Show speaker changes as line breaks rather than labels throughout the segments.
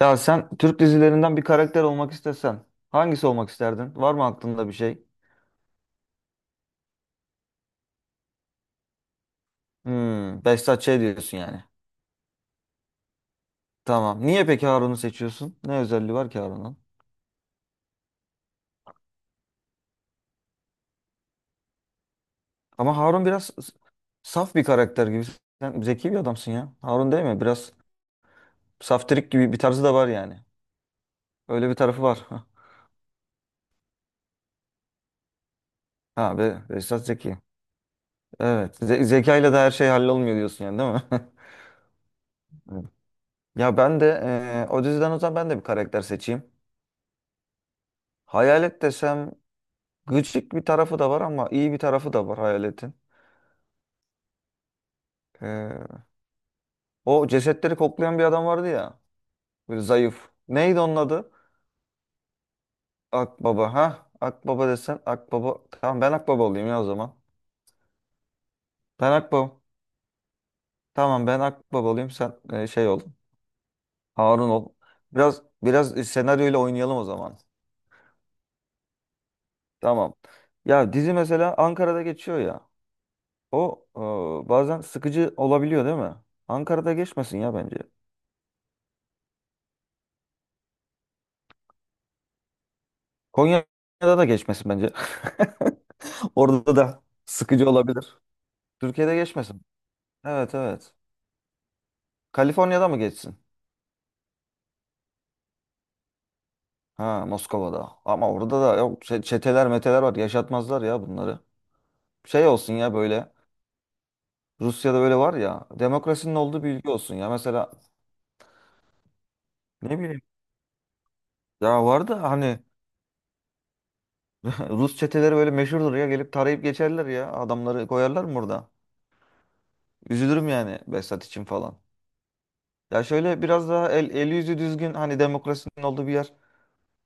Ya sen Türk dizilerinden bir karakter olmak istesen hangisi olmak isterdin? Var mı aklında bir şey? Hmm, Behzat Ç. diyorsun yani. Tamam. Niye peki Harun'u seçiyorsun? Ne özelliği var ki Harun'un? Ama Harun biraz saf bir karakter gibi. Sen zeki bir adamsın ya. Harun değil mi? Biraz saftirik gibi bir tarzı da var yani. Öyle bir tarafı var. Ha, Behzat zeki. Evet. Zekayla da her şey hallolmuyor diyorsun yani değil mi? Evet. Ya ben de o diziden o zaman ben de bir karakter seçeyim. Hayalet desem. Gıcık bir tarafı da var ama iyi bir tarafı da var hayaletin. Ee, O cesetleri koklayan bir adam vardı ya. Böyle zayıf. Neydi onun adı? Akbaba. Ha? Akbaba desen Akbaba. Tamam ben Akbaba olayım ya o zaman. Ben Akbaba. Tamam ben Akbaba olayım sen şey ol. Harun ol. Biraz senaryoyla oynayalım o zaman. Tamam. Ya dizi mesela Ankara'da geçiyor ya. O bazen sıkıcı olabiliyor değil mi? Ankara'da geçmesin ya bence. Konya'da da geçmesin bence. Orada da sıkıcı olabilir. Türkiye'de geçmesin. Evet, evet. Kaliforniya'da mı geçsin? Ha, Moskova'da. Ama orada da yok, çeteler meteler var. Yaşatmazlar ya bunları. Şey olsun ya böyle. Rusya'da böyle var ya. Demokrasinin olduğu bir ülke olsun ya. Mesela ne bileyim. Ya var da hani. Rus çeteleri böyle meşhurdur ya. Gelip tarayıp geçerler ya. Adamları koyarlar mı burada? Üzülürüm yani Behzat için falan. Ya şöyle biraz daha el yüzü düzgün, hani demokrasinin olduğu bir yer.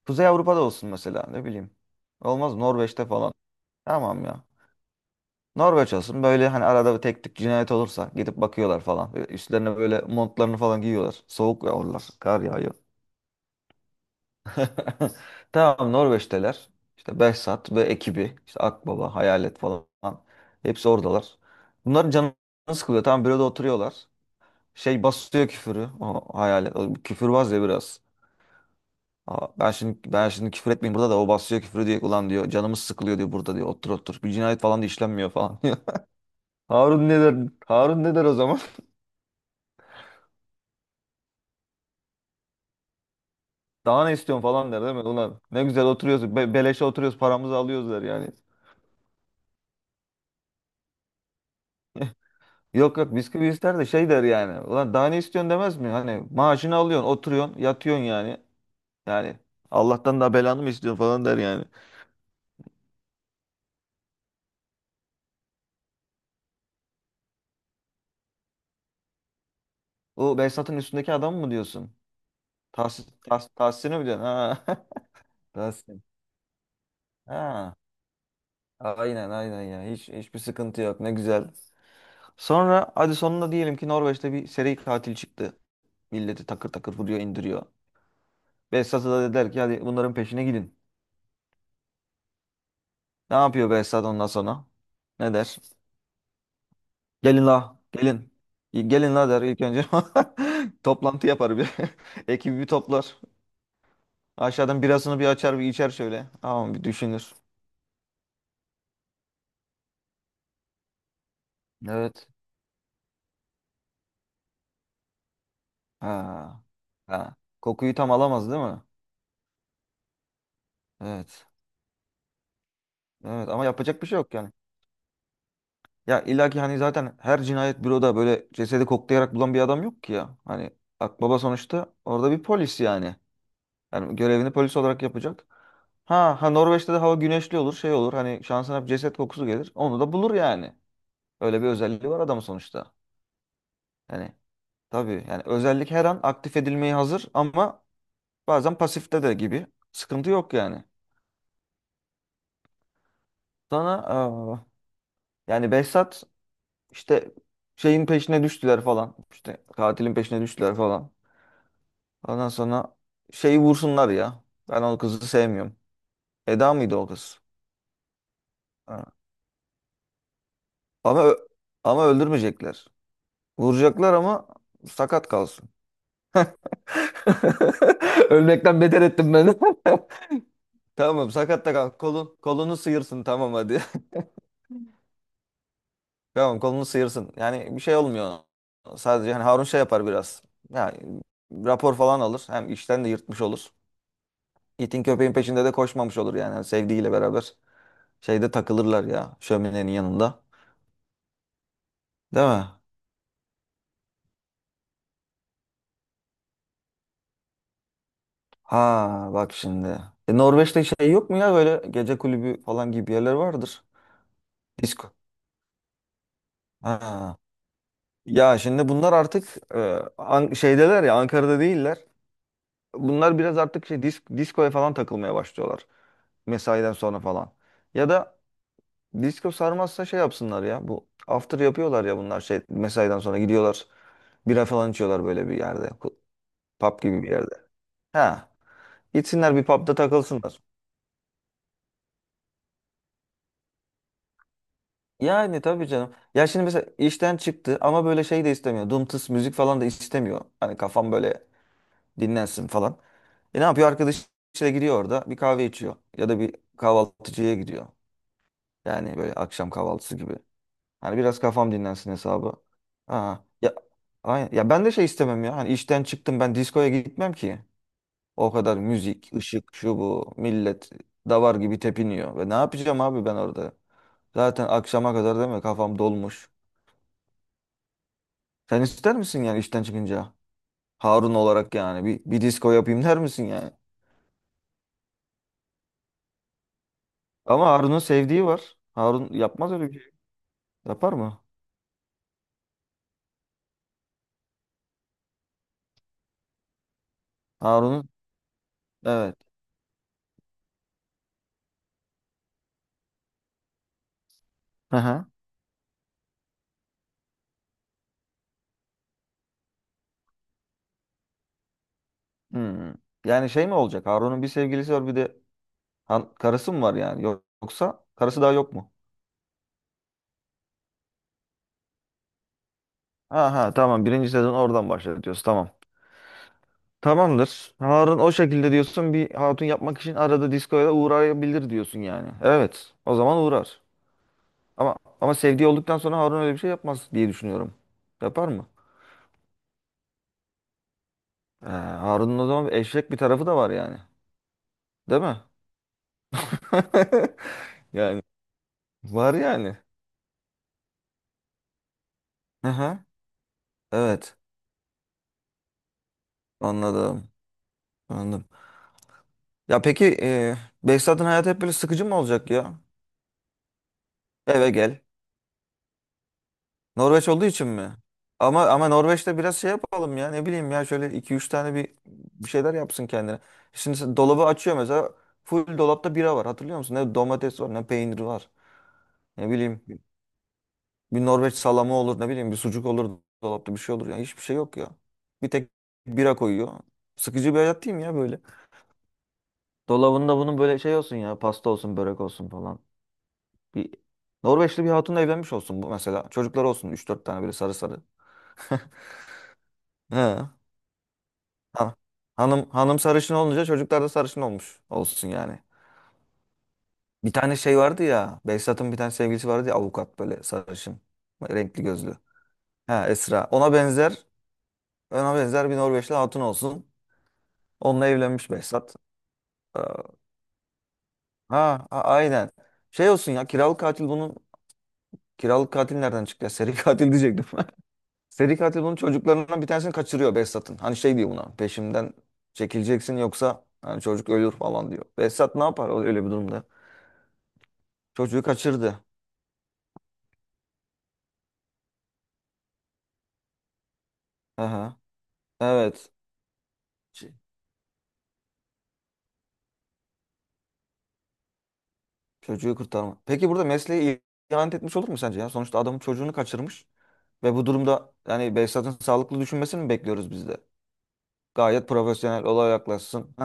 Kuzey Avrupa'da olsun mesela, ne bileyim. Olmaz, Norveç'te falan. Tamam ya. Norveç olsun böyle, hani arada bir tek tük cinayet olursa gidip bakıyorlar falan. Böyle üstlerine böyle montlarını falan giyiyorlar. Soğuk yağıyorlar. Kar yağıyor. Tamam, Norveç'teler. İşte Behzat ve ekibi. İşte Akbaba, Hayalet falan. Hepsi oradalar. Bunların canı sıkılıyor. Tamam, büroda oturuyorlar. Şey basıyor küfürü. O hayalet. O küfürbaz ya biraz. Aa, ben şimdi küfür etmeyeyim burada da o basıyor küfür, diyor ulan, diyor canımız sıkılıyor diyor burada, diyor otur otur bir cinayet falan da işlenmiyor falan diyor. Harun ne der Harun ne der o zaman? Daha ne istiyorsun falan der değil mi, ulan ne güzel oturuyoruz, beleşe oturuyoruz, paramızı alıyoruz der yani. Yok, bisküvi ister de şey der yani, ulan daha ne istiyorsun demez mi, hani maaşını alıyorsun, oturuyorsun, yatıyorsun, yani yani Allah'tan daha belanı mı istiyorsun falan der yani. O Behzat'ın üstündeki adam mı diyorsun? Tahsin, Tahsin'i mi diyorsun? Ha. Tahsin. Ha. Aynen aynen ya. Hiçbir sıkıntı yok. Ne güzel. Sonra hadi sonunda diyelim ki Norveç'te bir seri katil çıktı. Milleti takır takır vuruyor, indiriyor. Behzat'a da dediler ki hadi bunların peşine gidin. Ne yapıyor Behzat ondan sonra? Ne der? Gelin la, gelin. Gelin la der ilk önce. Toplantı yapar bir. Ekibi bir toplar. Aşağıdan birasını bir açar, bir içer şöyle. Tamam, bir düşünür. Evet. Ha. Ha. Kokuyu tam alamaz değil mi? Evet. Evet, ama yapacak bir şey yok yani. Ya illaki hani zaten her cinayet büroda böyle cesedi koklayarak bulan bir adam yok ki ya. Hani akbaba sonuçta orada bir polis yani. Yani görevini polis olarak yapacak. Ha, ha Norveç'te de hava güneşli olur, şey olur. Hani şansına bir ceset kokusu gelir. Onu da bulur yani. Öyle bir özelliği var adamın sonuçta. Yani tabii yani özellik her an aktif edilmeye hazır ama bazen pasifte de gibi. Sıkıntı yok yani. Sana aa, yani Behzat işte şeyin peşine düştüler falan. İşte katilin peşine düştüler falan. Ondan sonra şeyi vursunlar ya. Ben o kızı sevmiyorum. Eda mıydı o kız? Ha. Ama ö- Ama öldürmeyecekler. Vuracaklar ama sakat kalsın. Ölmekten beter ettim ben. Tamam, sakat da kal. Kolun, kolunu sıyırsın, tamam hadi. Tamam, kolunu sıyırsın. Yani bir şey olmuyor ona. Sadece hani Harun şey yapar biraz. Yani rapor falan alır. Hem işten de yırtmış olur. İtin köpeğin peşinde de koşmamış olur yani. Hani sevdiğiyle beraber şeyde takılırlar ya, şöminenin yanında. Değil mi? Ha, bak şimdi. E, Norveç'te şey yok mu ya, böyle gece kulübü falan gibi yerler vardır. Disko. Ha. Ya şimdi bunlar artık şeydeler ya, Ankara'da değiller. Bunlar biraz artık şey diskoya falan takılmaya başlıyorlar. Mesaiden sonra falan. Ya da disko sarmazsa şey yapsınlar ya bu after yapıyorlar ya bunlar şey mesaiden sonra gidiyorlar. Bira falan içiyorlar böyle bir yerde. Pub gibi bir yerde. Ha. Gitsinler bir pubda takılsınlar. Yani tabii canım. Ya şimdi mesela işten çıktı ama böyle şey de istemiyor. Dum tıs müzik falan da istemiyor. Hani kafam böyle dinlensin falan. E ne yapıyor? Arkadaşıyla gidiyor orada bir kahve içiyor. Ya da bir kahvaltıcıya gidiyor. Yani böyle akşam kahvaltısı gibi. Hani biraz kafam dinlensin hesabı. Aa, ya, aynen. Ya ben de şey istemem ya. Hani işten çıktım, ben diskoya gitmem ki. O kadar müzik, ışık, şu bu. Millet davar gibi tepiniyor. Ve ne yapacağım abi ben orada? Zaten akşama kadar değil mi? Kafam dolmuş. Sen ister misin yani işten çıkınca? Harun olarak yani bir disco yapayım der misin yani? Ama Harun'un sevdiği var. Harun yapmaz öyle bir şey. Yapar mı? Harun'un, evet. Hı hı. Hmm. Yani şey mi olacak? Harun'un bir sevgilisi var bir de karısı mı var yani? Yoksa karısı daha yok mu? Aha, tamam, birinci sezon oradan başlar diyorsun, tamam. Tamamdır. Harun o şekilde diyorsun, bir hatun yapmak için arada diskoya da uğrayabilir diyorsun yani. Evet, o zaman uğrar. Ama sevdiği olduktan sonra Harun öyle bir şey yapmaz diye düşünüyorum. Yapar mı? Ee, Harun'un o zaman eşek bir tarafı da var yani. Değil mi? Yani var yani. Aha, evet, anladım. Anladım. Ya peki Behzat'ın hayatı hep böyle sıkıcı mı olacak ya? Eve gel. Norveç olduğu için mi? Ama Norveç'te biraz şey yapalım ya, ne bileyim ya, şöyle iki üç tane bir şeyler yapsın kendine. Şimdi sen dolabı açıyor mesela, full dolapta bira var, hatırlıyor musun? Ne domates var, ne peynir var. Ne bileyim, bir Norveç salamı olur, ne bileyim bir sucuk olur dolapta, bir şey olur. Yani hiçbir şey yok ya. Bir tek bira koyuyor. Sıkıcı bir hayat değil mi ya böyle? Dolabında bunun böyle şey olsun ya, pasta olsun, börek olsun falan. Bir Norveçli bir hatunla evlenmiş olsun bu mesela. Çocuklar olsun üç dört tane, böyle sarı sarı. He. Ha. Hanım hanım sarışın olunca çocuklar da sarışın olmuş olsun yani. Bir tane şey vardı ya. Behzat'ın bir tane sevgilisi vardı ya, avukat, böyle sarışın. Renkli gözlü. Ha, Esra. Ona benzer bir Norveçli hatun olsun. Onunla evlenmiş Behzat. Aa, ha, aynen. Şey olsun ya, kiralık katil bunun, kiralık katil nereden çıktı ya? Seri katil diyecektim. Seri katil bunun çocuklarından bir tanesini kaçırıyor, Behzat'ın. Hani şey diyor buna, peşimden çekileceksin, yoksa hani çocuk ölür falan diyor. Behzat ne yapar öyle bir durumda? Çocuğu kaçırdı. Aha, evet. Ç- Çocuğu kurtarma. Peki burada mesleği ihanet etmiş olur mu sence ya? Sonuçta adamın çocuğunu kaçırmış ve bu durumda yani Behzat'ın sağlıklı düşünmesini mi bekliyoruz biz de? Gayet profesyonel olaya yaklaşsın.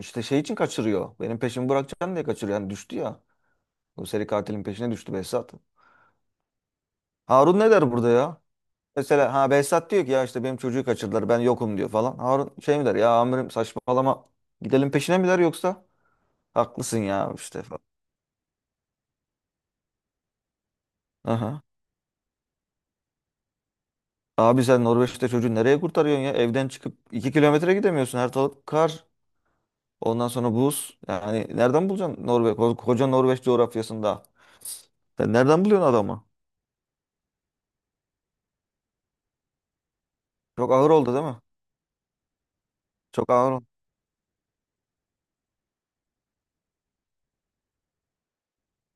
İşte şey için kaçırıyor. Benim peşimi bırakacaksın diye kaçırıyor. Yani düştü ya. Bu seri katilin peşine düştü Behzat. Harun ne der burada ya? Mesela ha, Behzat diyor ki ya işte benim çocuğu kaçırdılar, ben yokum diyor falan. Harun şey mi der ya, amirim saçmalama, gidelim peşine mi der yoksa? Haklısın ya işte falan. Aha. Abi sen Norveç'te çocuğu nereye kurtarıyorsun ya? Evden çıkıp 2 kilometre gidemiyorsun. Her taraf kar. Ondan sonra buz. Yani nereden bulacaksın Norveç? Koca Norveç coğrafyasında. Sen nereden buluyorsun adamı? Çok ağır oldu değil mi? Çok ağır.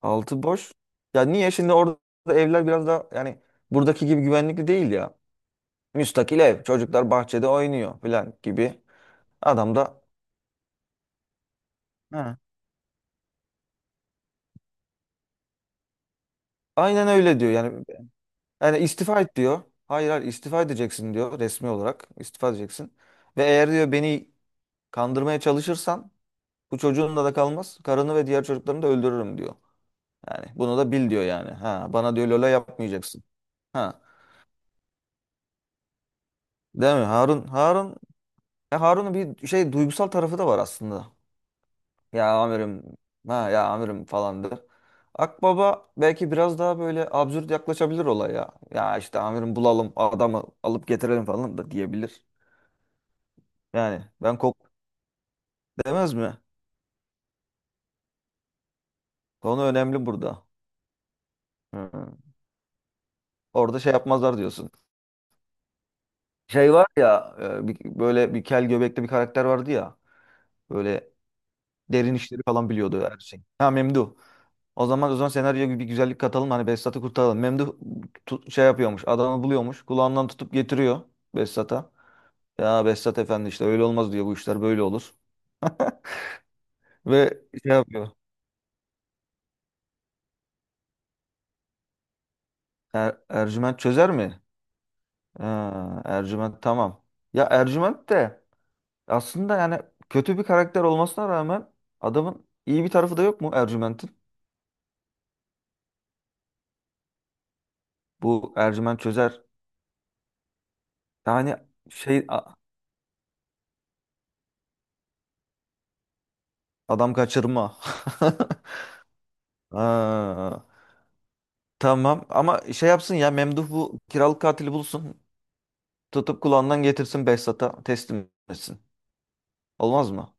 Altı boş. Ya niye şimdi orada evler biraz daha yani buradaki gibi güvenlikli değil ya. Müstakil ev. Çocuklar bahçede oynuyor falan gibi. Adam da ha, aynen öyle diyor. Yani, yani istifa et diyor. Hayır hayır, istifa edeceksin diyor, resmi olarak. İstifa edeceksin. Ve eğer diyor beni kandırmaya çalışırsan bu çocuğun da kalmaz. Karını ve diğer çocuklarını da öldürürüm diyor. Yani bunu da bil diyor yani. Ha, bana diyor Lola yapmayacaksın. Ha. Değil mi? Harun, ya Harun'un bir şey duygusal tarafı da var aslında. Ya amirim, ha ya amirim falandır. Akbaba belki biraz daha böyle absürt yaklaşabilir olaya. Ya işte amirim bulalım adamı alıp getirelim falan da diyebilir. Yani ben kok demez mi? Konu önemli burada. Hı. Orada şey yapmazlar diyorsun. Şey var ya böyle bir kel göbekli bir karakter vardı ya. Böyle derin işleri falan biliyordu, her şey. Ha, Memduh. O zaman senaryoya bir güzellik katalım, hani Behzat'ı kurtaralım. Memduh şey yapıyormuş, adamı buluyormuş, kulağından tutup getiriyor Behzat'a. Ya Behzat Efendi işte öyle olmaz diyor, bu işler böyle olur. Ve şey yapıyor. Ercüment çözer mi? Ha, Ercüment, tamam. Ya Ercüment de aslında yani kötü bir karakter olmasına rağmen adamın iyi bir tarafı da yok mu Ercüment'in? Bu Ercüment çözer. Yani şey adam kaçırma. Ha, tamam ama şey yapsın ya Memduh bu kiralık katili bulsun. Tutup kulağından getirsin Behzat'a teslim etsin. Olmaz mı?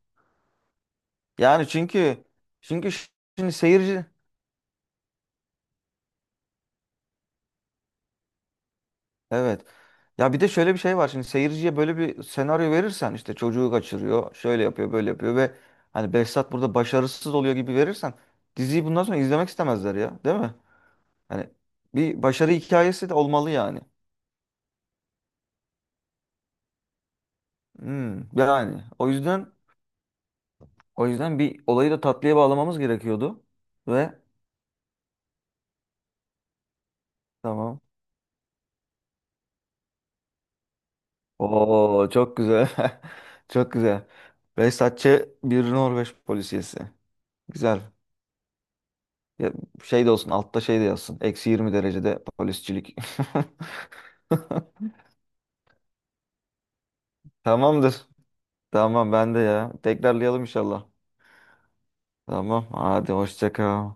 Yani çünkü şimdi seyirci, evet. Ya bir de şöyle bir şey var. Şimdi seyirciye böyle bir senaryo verirsen, işte çocuğu kaçırıyor, şöyle yapıyor, böyle yapıyor ve hani Behzat burada başarısız oluyor gibi verirsen, diziyi bundan sonra izlemek istemezler ya, değil mi? Hani bir başarı hikayesi de olmalı yani. Hmm, yani o yüzden bir olayı da tatlıya bağlamamız gerekiyordu ve tamam. Oo, çok güzel. Çok güzel. Behzatçı bir Norveç polisiyesi. Güzel. Ya şey de olsun altta, şey de yazsın. Eksi 20 derecede polisçilik. Tamamdır. Tamam, ben de ya. Tekrarlayalım inşallah. Tamam. Hadi hoşça kal.